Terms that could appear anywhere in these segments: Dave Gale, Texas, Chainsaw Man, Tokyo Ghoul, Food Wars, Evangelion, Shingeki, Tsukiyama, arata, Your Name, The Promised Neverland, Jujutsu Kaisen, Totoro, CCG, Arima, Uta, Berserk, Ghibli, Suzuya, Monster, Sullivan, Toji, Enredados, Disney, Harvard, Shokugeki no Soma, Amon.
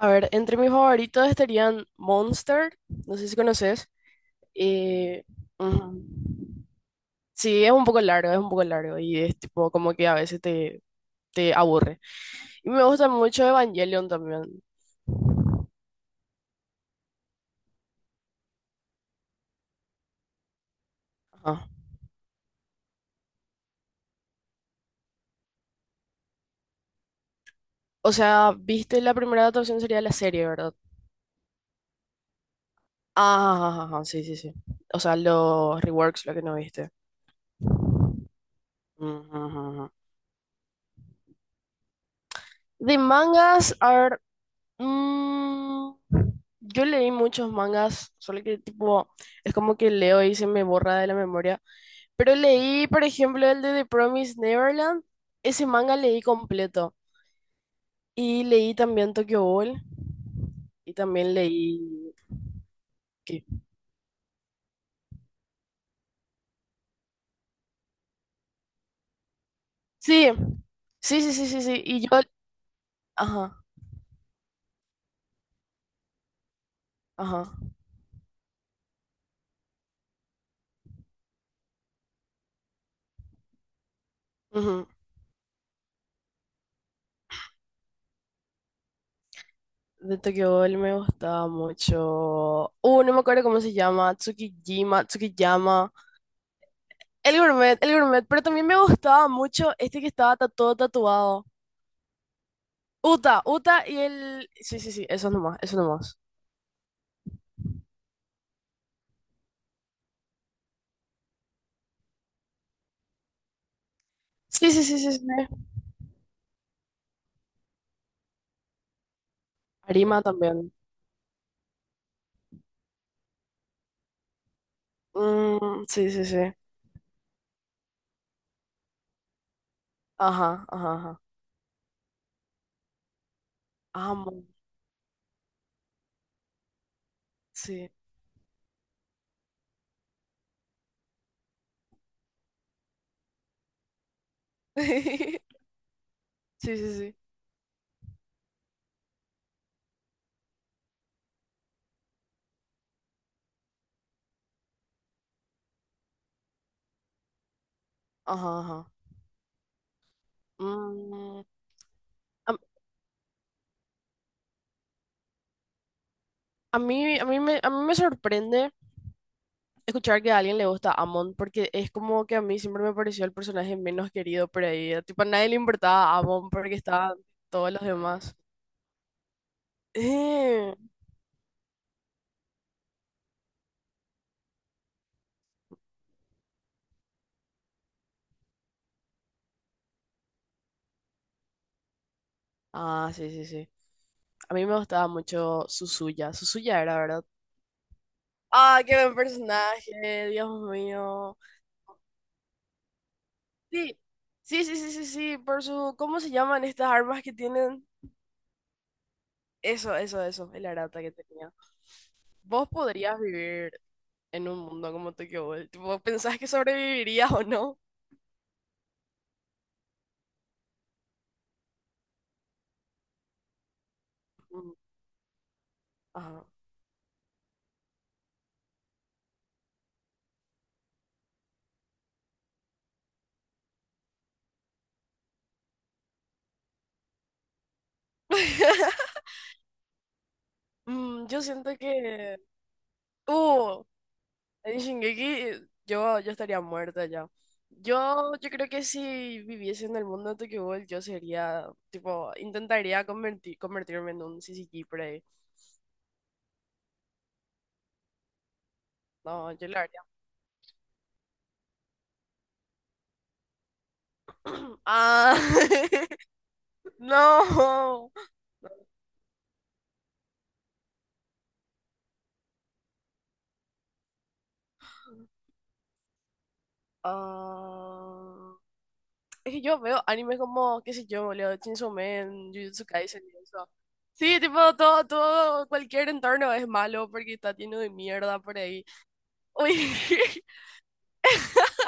A ver, entre mis favoritos estarían Monster, no sé si conoces. eh, Ujú. Sí, es un poco largo, es un poco largo y es tipo como que a veces te, te aburre. Y me gusta mucho Evangelion también. Ajá. O sea, viste la primera adaptación sería la serie, ¿verdad? Ah, ajá, ajá, sí, sí, sí. O sea, los reworks, lo que no viste. Ujú, ujú, ujú. De mangas, a ver. Mm, yo leí muchos mangas, solo que tipo, es como que leo y se me borra de la memoria. Pero leí, por ejemplo, el de The Promised Neverland. Ese manga leí completo. Y leí también Tokyo Ghoul. Y también leí... ¿Qué? Sí, sí, sí, sí, sí, sí. Y yo... Ajá, ajá. Ujú. De Tokyo Ghoul me gustaba mucho. No me acuerdo cómo se llama. Tsukijima, Tsukiyama. El gourmet, pero también me gustaba mucho este que estaba todo tatuado. Uta, Uta y el... Sí, sí, sí, eso nomás, eso nomás. Sí, sí, sí, sí, sí. Arima también. Mm, sí, sí, sí. Ajá, ajá, ajá. Amo, sí. Sí, sí, sí. Ajá, ajá. Mm, a, a mí me sorprende escuchar que a alguien le gusta Amon, porque es como que a mí siempre me pareció el personaje menos querido por ahí. Tipo, a nadie le importaba Amon porque estaban todos los demás. Eh, Ah, sí, sí, sí. A mí me gustaba mucho Suzuya. Suzuya era, ¿verdad? Ah, qué buen personaje, Dios mío. Sí, sí, sí, sí, sí, sí, por su... ¿Cómo se llaman estas armas que tienen? Eso, el arata que tenía. ¿Vos podrías vivir en un mundo como Tokyo Ghoul? Tipo, ¿pensás que sobrevivirías o no? Mm, ajá. Mm, yo siento que... Uh, en Shingeki yo estaría muerta ya. Yo creo que si viviese en el mundo de Tokyo Ghoul, yo sería, tipo, intentaría convertir, convertirme en un CCG por ahí. No, yo lo haría. Ah, no. Ah, es que yo veo animes como, qué sé yo, boludo, Chainsaw Man, Jujutsu Kaisen y eso. Sí, tipo, todo, todo, cualquier entorno es malo porque está lleno de mierda por ahí. Uy.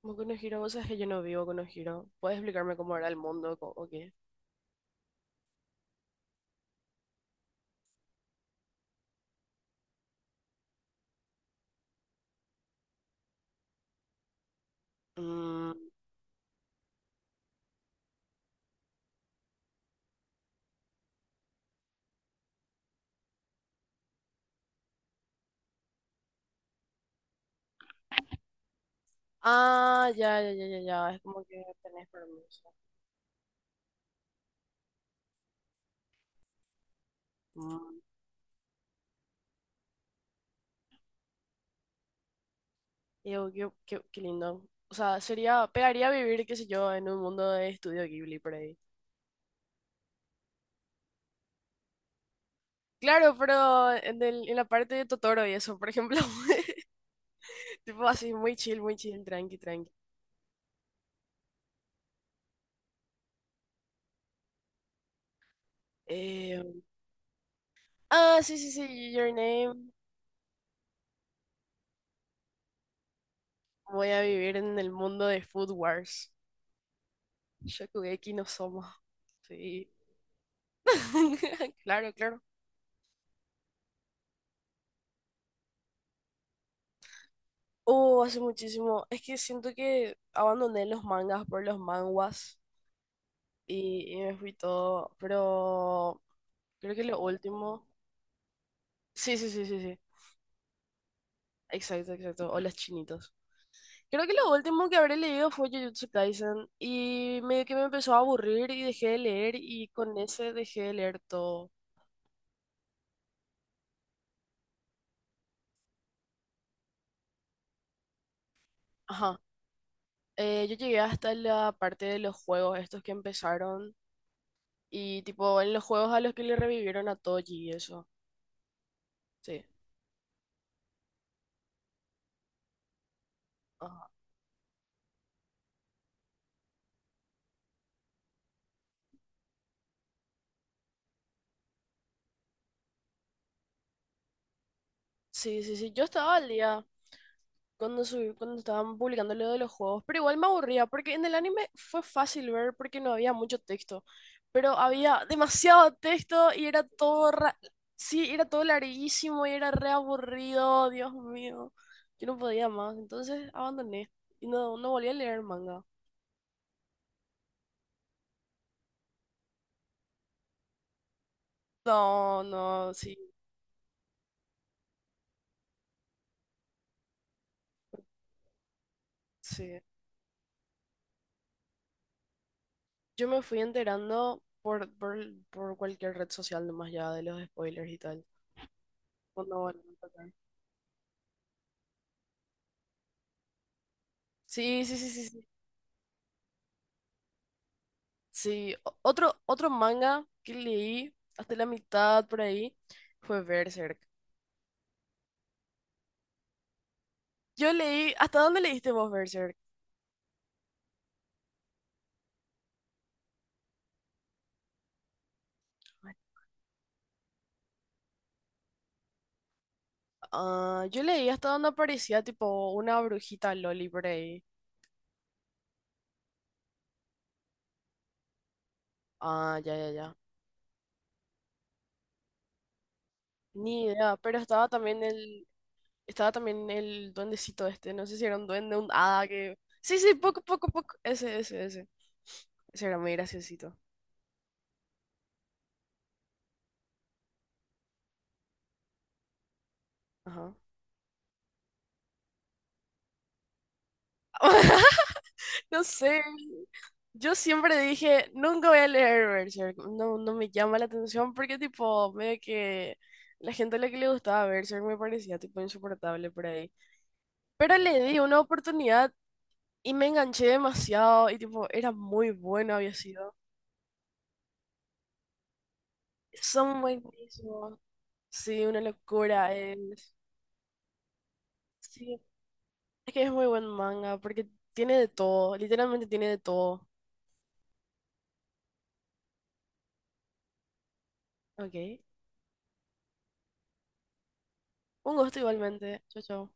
Como Konohiro, vos sabés que yo no vivo Konohiro. ¿Puedes explicarme cómo era el mundo o qué? Mm, ah, ya, ya, ya, ya, ya. Es como que tenés permiso. Mm. Digo, qué, qué, qué lindo. O sea, sería, pegaría vivir, qué sé yo, en un mundo de estudio Ghibli por ahí. Claro, pero en la parte de Totoro y eso, por ejemplo. Tipo así, muy chill, tranqui, tranqui. Eh, ah, sí, sí, sí, Your Name. Voy a vivir en el mundo de Food Wars. Shokugeki no Soma. Sí. Claro, claro. Oh, hace muchísimo. Es que siento que abandoné los mangas por los manguas y me fui todo. Pero creo que lo último. Sí, sí, sí, sí, sí. Exacto, exacto. O los chinitos. Creo que lo último que habré leído fue Jujutsu Kaisen y medio que me empezó a aburrir y dejé de leer y con ese dejé de leer todo. Ajá. Yo llegué hasta la parte de los juegos, estos que empezaron y tipo en los juegos a los que le revivieron a Toji y eso. Sí. Ah, sí, sí, sí. Yo estaba al día cuando, cuando estaban publicando lo de los juegos, pero igual me aburría porque en el anime fue fácil ver porque no había mucho texto, pero había demasiado texto y era todo, sí, era todo larguísimo y era re aburrido, Dios mío. Yo no podía más, entonces abandoné y no, no volví a leer manga. No, no, sí, sí. Yo me fui enterando por cualquier red social nomás ya de los spoilers y tal. Cuando volví a tocar. Sí, sí, sí, sí, sí. Sí, otro, otro manga que leí hasta la mitad por ahí fue Berserk. Yo leí, ¿hasta dónde leíste vos Berserk? Ah, yo leí hasta donde aparecía tipo una brujita Loli por ahí. Ah, ya, ya, ya. Ni idea, pero estaba también el duendecito este, no sé si era un duende, un hada que... Sí, sí, poco, poco, poco. Ese, ese, ese. Ese era muy graciosito. Ajá. No sé, yo siempre dije, nunca voy a leer Berserk, no, no me llama la atención porque tipo, medio que la gente a la que le gustaba Berserk me parecía tipo insoportable por ahí. Pero le di una oportunidad y me enganché demasiado y tipo, era muy bueno había sido. Son buenísimos, sí, una locura es. Sí, es que es muy buen manga porque tiene de todo, literalmente tiene de todo. Ok, un gusto igualmente, chao, chao.